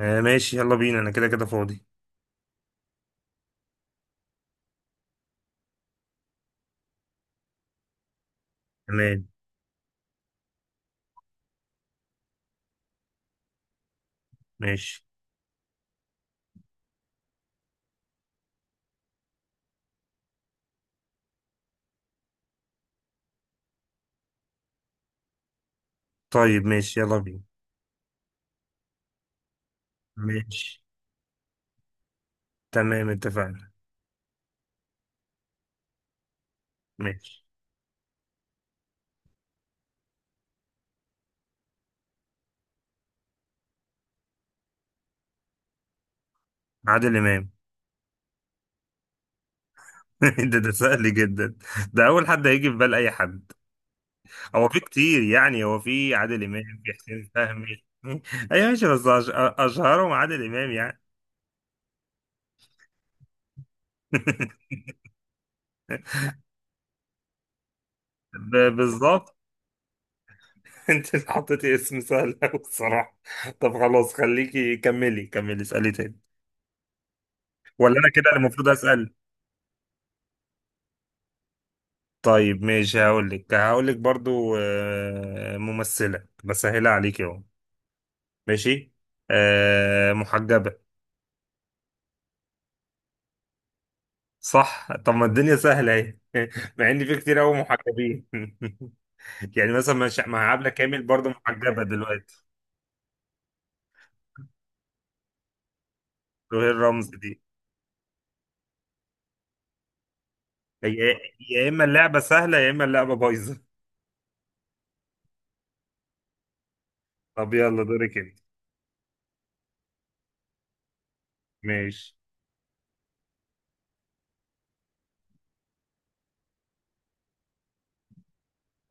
ماشي، يلا بينا. انا كده كده فاضي. تمام. ماشي. طيب ماشي، يلا بينا. ماشي. تمام، اتفقنا. ماشي. عادل امام. ده سهل جدا. ده اول حد هيجي في بال اي حد. هو في كتير، يعني هو في عادل امام، في حسين فهمي. ايوه ماشي. بس اشهرهم عادل امام يعني. بالظبط. انت اللي حطيتي اسم سهل قوي الصراحه. طب خلاص، خليكي كملي كملي اسالي تاني. ولا انا كده اللي المفروض اسال؟ طيب ماشي. هقول لك برضو، ممثلة، بسهلها عليك اهو. ماشي. محجبة. صح، طب ما الدنيا سهلة اهي. مع ان في كتير قوي محجبين. يعني مثلا، مش مع عبلة كامل برضو محجبة دلوقتي؟ وهي الرمز دي. هي، يا اما اللعبة سهلة يا اما اللعبة بايظة. طب يلا دورك انت. ماشي.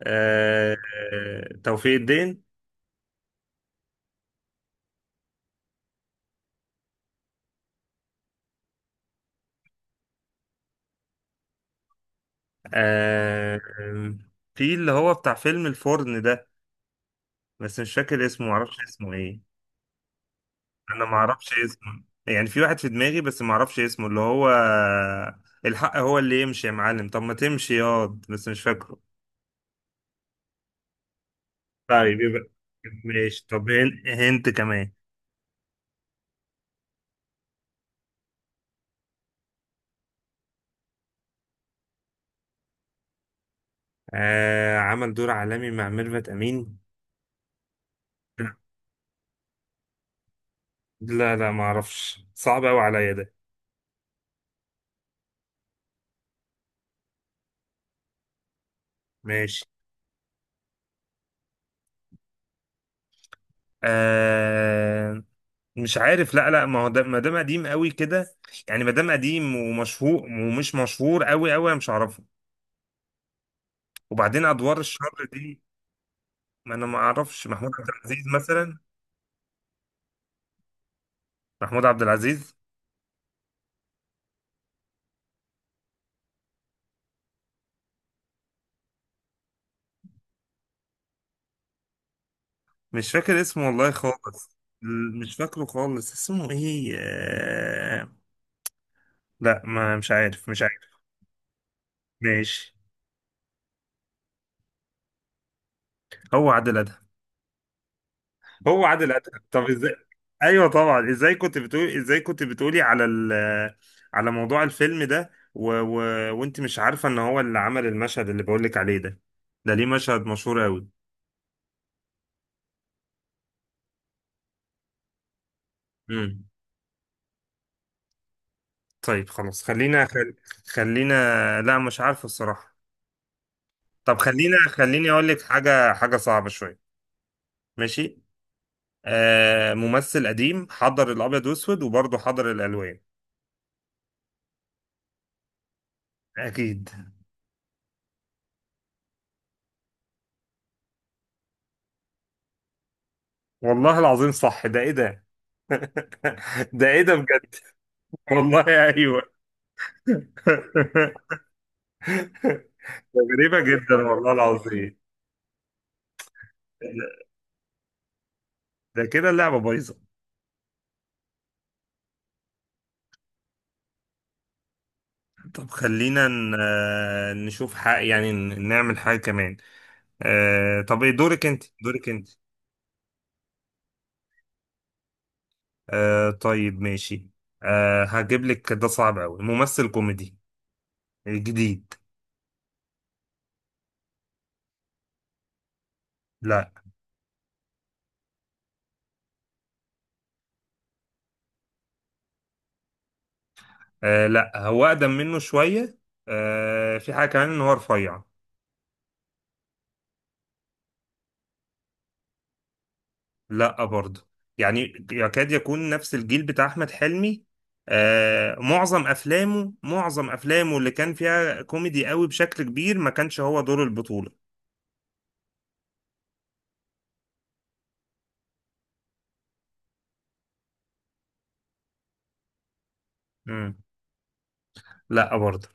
آه، توفيق الدين. آه، في اللي هو بتاع فيلم الفرن ده، بس مش فاكر اسمه، معرفش اسمه ايه. انا معرفش اسمه، يعني في واحد في دماغي بس معرفش اسمه اللي هو الحق هو اللي يمشي يا معلم، طب ما تمشي ياض، بس مش فاكره. طيب يبقى ماشي. طب هنت كمان. عمل دور عالمي مع ميرفت امين. لا. لا لا، معرفش، صعب قوي عليا ده. ماشي. آه مش عارف. لا لا، ما هو ده ما دام قديم قوي كده، يعني ما دام قديم ومشهور ومش مشهور قوي قوي أنا مش هعرفه. وبعدين ادوار الشر دي، ما انا ما اعرفش محمود عبد العزيز مثلا. محمود عبد العزيز. مش فاكر اسمه والله خالص. مش فاكره خالص اسمه ايه، لا ما مش عارف مش عارف. ماشي. هو عادل ادهم؟ هو عادل ادهم، طب ازاي؟ ايوه طبعا. ازاي كنت بتقولي، ازاي كنت بتقولي على على موضوع الفيلم ده وانت مش عارفه ان هو اللي عمل المشهد اللي بقولك عليه ده؟ ده ليه مشهد مشهور قوي. طيب خلاص، خلينا خلينا. لا مش عارف الصراحة. طب خلينا، خليني اقول لك حاجة، حاجة صعبة شوية. ماشي. ممثل قديم حضر الابيض واسود وبرضه حضر الالوان. اكيد. والله العظيم صح، ده ايه ده؟ ده ايه ده بجد؟ والله ايوه. ده غريبة جدا والله العظيم. ده كده اللعبة بايظة. طب خلينا نشوف حق، يعني نعمل حاجة كمان. طب ايه دورك انت، دورك انت؟ طيب ماشي. هجيب لك، ده صعب قوي. ممثل كوميدي جديد. لا. لا هو اقدم منه شويه. في حاجه كمان ان هو رفيع. لا برضه. يعني يكاد يكون نفس الجيل بتاع احمد حلمي. معظم افلامه، معظم افلامه اللي كان فيها كوميدي قوي بشكل كبير ما كانش هو دور البطوله. مم. لا برضه.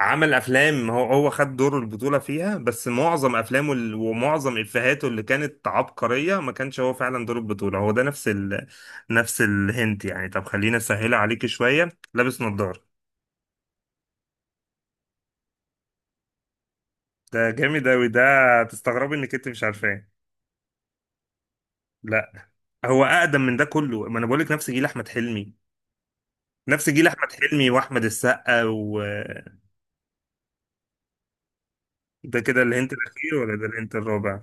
عمل افلام، هو هو خد دور البطولة فيها، بس معظم افلامه ومعظم افهاته اللي كانت عبقرية ما كانش هو فعلا دور البطولة. هو ده نفس نفس الهنت يعني. طب خلينا اسهلها عليكي شوية. لابس نظارة. ده جامد اوي ده، تستغربي انك انت مش عارفاه. لا هو اقدم من ده كله، ما انا بقول لك نفس جيل احمد حلمي، نفس جيل احمد حلمي واحمد السقا، وده. كده الهنت الاخير ولا ده الهنت الرابع؟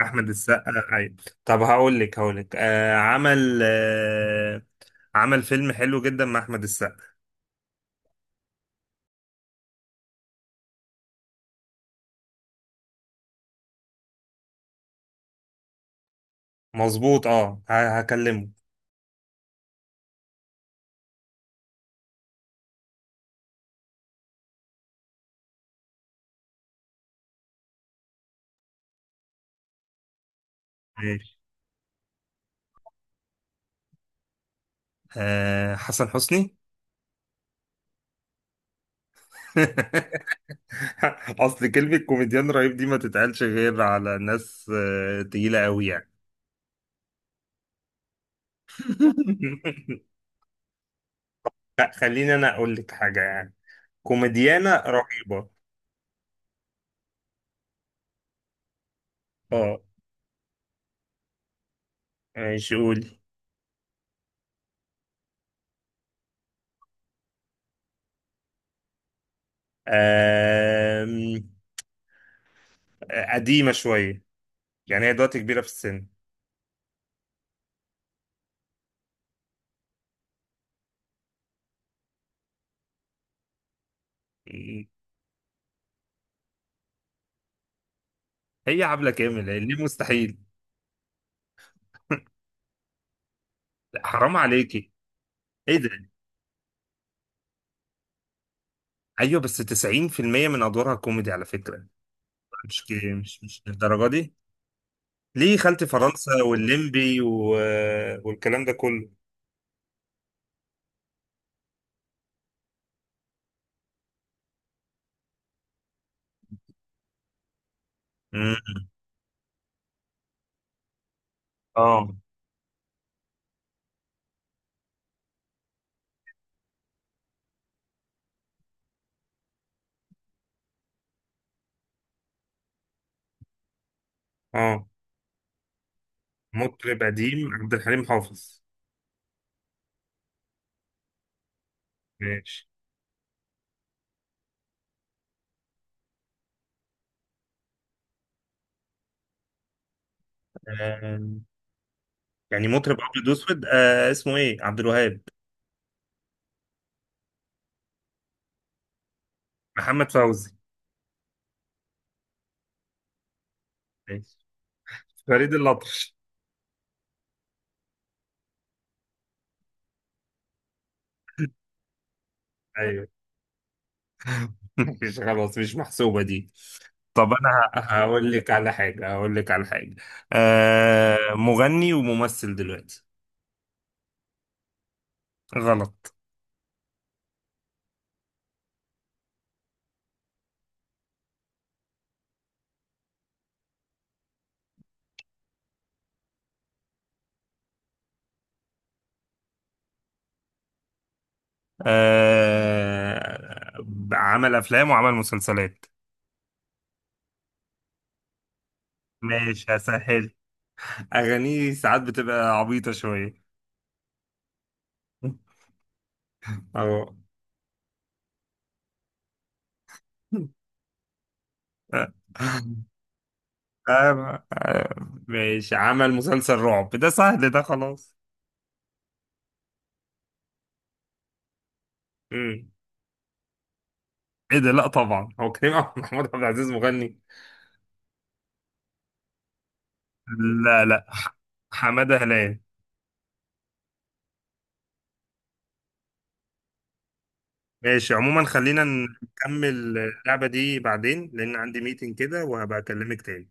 احمد السقا ايوه. طب هقول لك عمل، عمل فيلم حلو جدا مع احمد السقا. مظبوط. اه هكلمه. ماشي. حسن حسني. اصل كلمة كوميديان رهيب دي ما تتقالش غير على ناس تقيلة قوي يعني. لا، خليني انا اقول لك حاجة يعني. كوميديانة رهيبة. اه. ماشي، قولي. آم، آه قديمة شوية، يعني هي دلوقتي كبيرة في السن. هي عبلة كامل ليه مستحيل؟ لا، حرام عليكي. ايه ده؟ ايوه بس 90% من ادوارها كوميدي على فكرة. مش كي- مش مش للدرجة دي. ليه، خالتي فرنسا والليمبي والكلام ده كله. مم. اه. اه. مطرب قديم عبد الحليم حافظ. ماشي. آه. يعني مطرب ابيض واسود، اسمه ايه، عبد الوهاب؟ محمد فوزي؟ ماشي. فريد الأطرش. ايوه. مش خلاص، مش محسوبة دي. طب انا هقول لك على حاجه. مغني وممثل دلوقتي. غلط. آه عمل افلام وعمل مسلسلات. ماشي هسهل. اغانيه ساعات بتبقى عبيطه شويه. اه. آه، آه، ماشي. عمل مسلسل رعب، ده سهل ده خلاص. مم. ايه ده؟ لا طبعا هو محمود عبد العزيز مغني. لا لا. حمادة هلال. ماشي عموما خلينا نكمل اللعبة دي بعدين، لأن عندي ميتنج كده وهبقى أكلمك تاني.